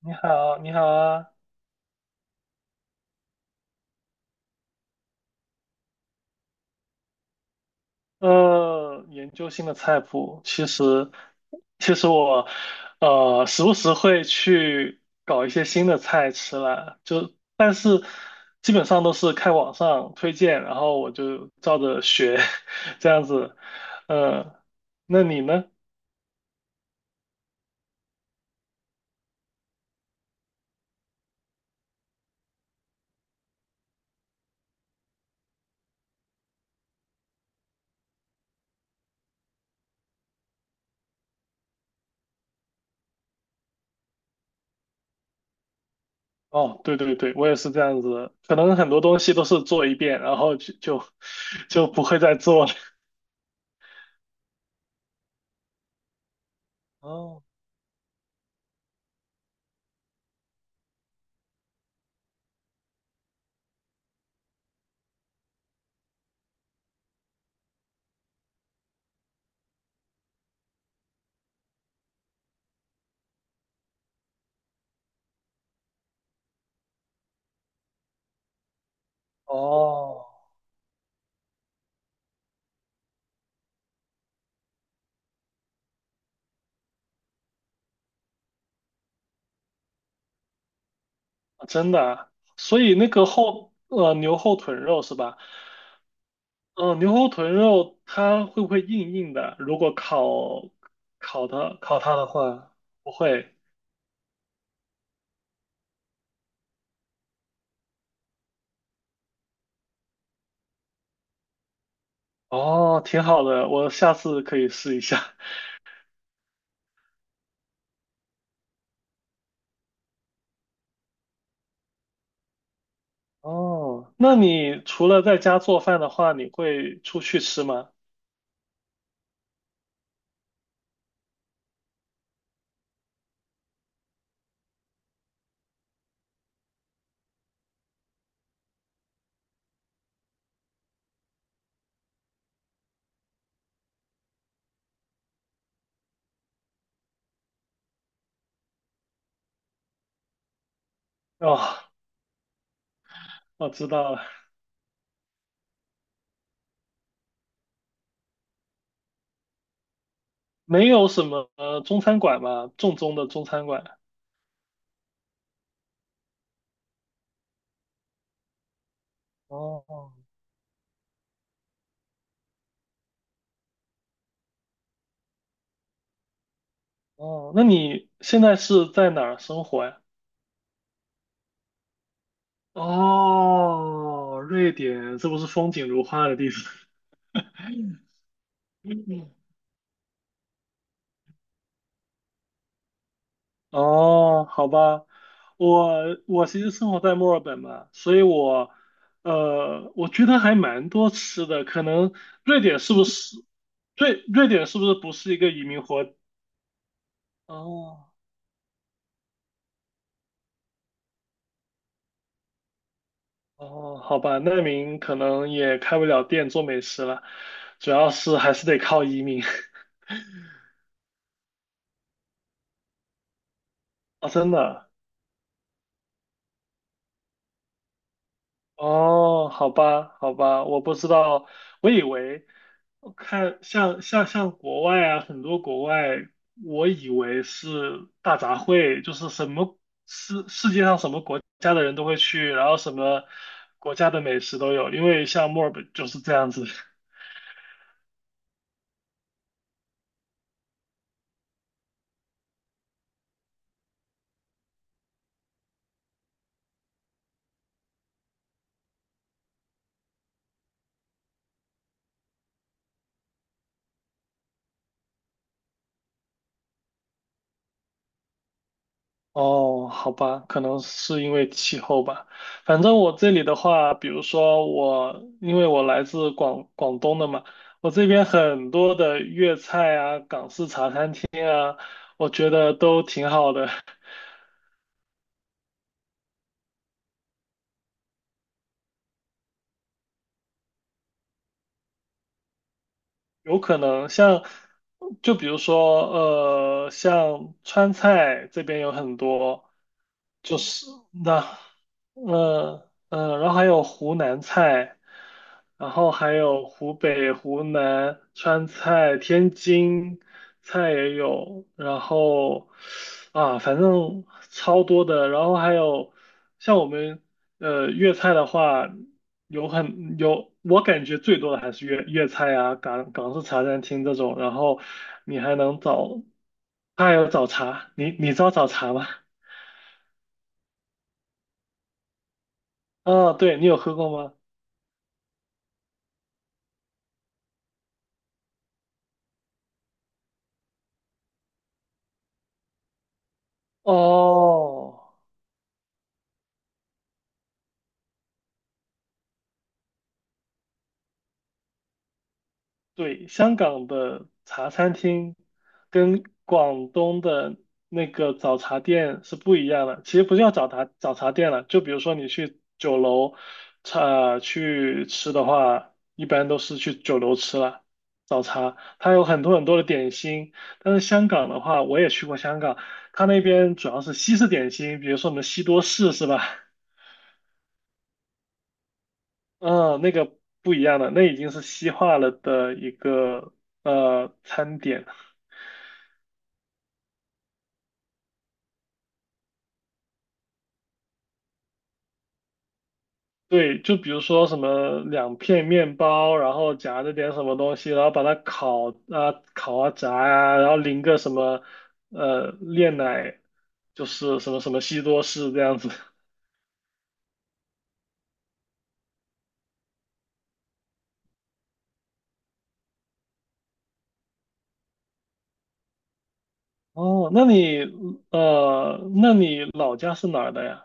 你好，你好啊。研究新的菜谱，其实我,时不时会去搞一些新的菜吃啦，但是基本上都是看网上推荐，然后我就照着学，这样子。呃，那你呢？哦，对对对，我也是这样子的，可能很多东西都是做一遍，然后就不会再做了。哦哦，真的啊，所以那个牛后臀肉是吧？嗯、牛后臀肉它会不会硬硬的？如果烤它的话，不会。哦，挺好的，我下次可以试一下。哦，那你除了在家做饭的话，你会出去吃吗？哦，我知道了，没有什么中餐馆吗？正宗的中餐馆。哦哦，那你现在是在哪儿生活呀？哦，瑞典，这不是风景如画的地方？哦，好吧，我其实生活在墨尔本嘛，所以我我觉得还蛮多吃的。可能瑞典是不是瑞典是不是不是一个移民国？哦哦，好吧，难民可能也开不了店做美食了，主要是还是得靠移民。 啊，真的。哦，好吧，好吧，我不知道，我以为。我看像国外啊，很多国外，我以为是大杂烩，就是什么世界上什么国家的人都会去，然后什么国家的美食都有，因为像墨尔本就是这样子。哦，好吧，可能是因为气候吧。反正我这里的话，比如说我，因为我来自广东的嘛，我这边很多的粤菜啊、港式茶餐厅，我觉得都挺好的。有可能像，就比如说，像川菜这边有很多，就是那，嗯然后还有湖南菜，然后还有湖北、湖南、川菜、天津菜也有，然后啊，反正超多的，然后还有像我们粤菜的话，有很有，我感觉最多的还是粤菜啊，港式茶餐厅这种，然后你还能找，还有早茶，你知道早茶吗？啊，对，你有喝过吗？哦，对，香港的茶餐厅跟广东的那个早茶店是不一样的。其实不叫早茶店了，就比如说你去酒楼，茶去吃的话，一般都是去酒楼吃了。早茶，它有很多很多的点心，但是香港的话，我也去过香港，它那边主要是西式点心，比如说我们西多士是吧？嗯，那个不一样的，那已经是西化了的一个餐点。对，就比如说什么两片面包，然后夹着点什么东西，然后把它烤啊炸啊，然后淋个什么炼奶，就是什么什么西多士这样子。哦，那你那你老家是哪儿的呀？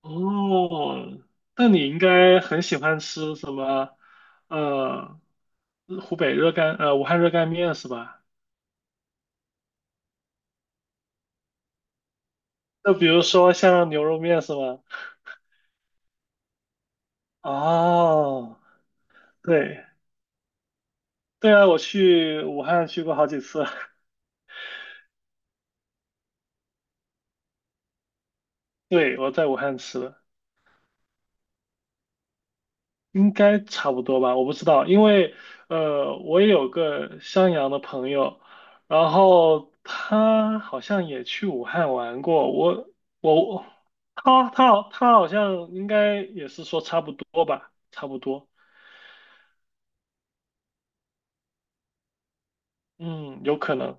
哦，那你应该很喜欢吃什么？呃，湖北热干，呃，武汉热干面是吧？那比如说像牛肉面是吧？哦，对，对啊，我去武汉去过好几次，对，我在武汉吃的。应该差不多吧，我不知道，因为我也有个襄阳的朋友，然后他好像也去武汉玩过，我他好像应该也是说差不多吧，差不多，嗯，有可能。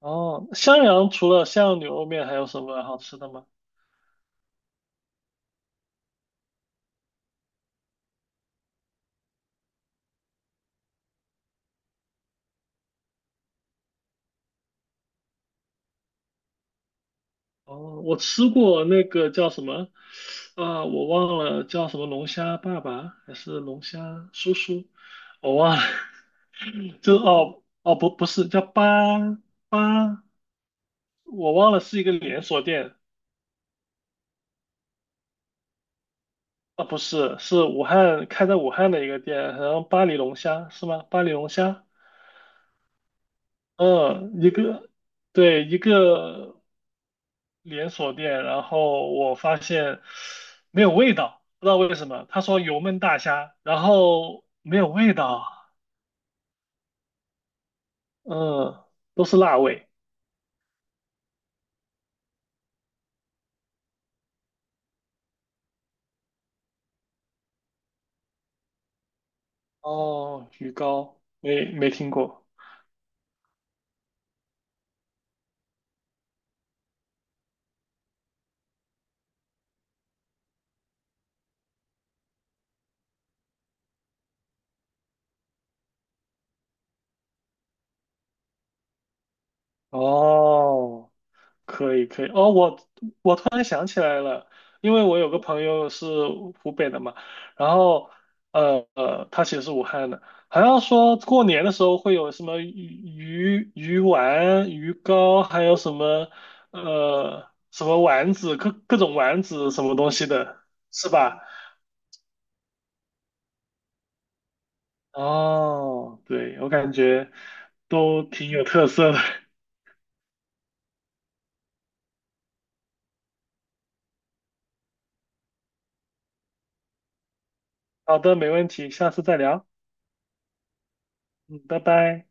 哦，襄阳除了襄阳牛肉面还有什么好吃的吗？哦，我吃过那个叫什么，啊、我忘了叫什么龙虾爸爸还是龙虾叔叔，我忘了。哦,不是叫八，我忘了是一个连锁店。不是，是武汉，开在武汉的一个店，然后巴黎龙虾是吗？巴黎龙虾，嗯，一个对一个连锁店，然后我发现没有味道，不知道为什么，他说油焖大虾，然后没有味道，嗯，都是辣味。哦，鱼糕没听过。哦，可以可以哦，我突然想起来了，因为我有个朋友是湖北的嘛，然后他其实是武汉的，好像说过年的时候会有什么鱼丸、鱼糕，还有什么什么丸子，各种丸子什么东西的，是吧？哦，对，我感觉都挺有特色的。好的，没问题，下次再聊。嗯，拜拜。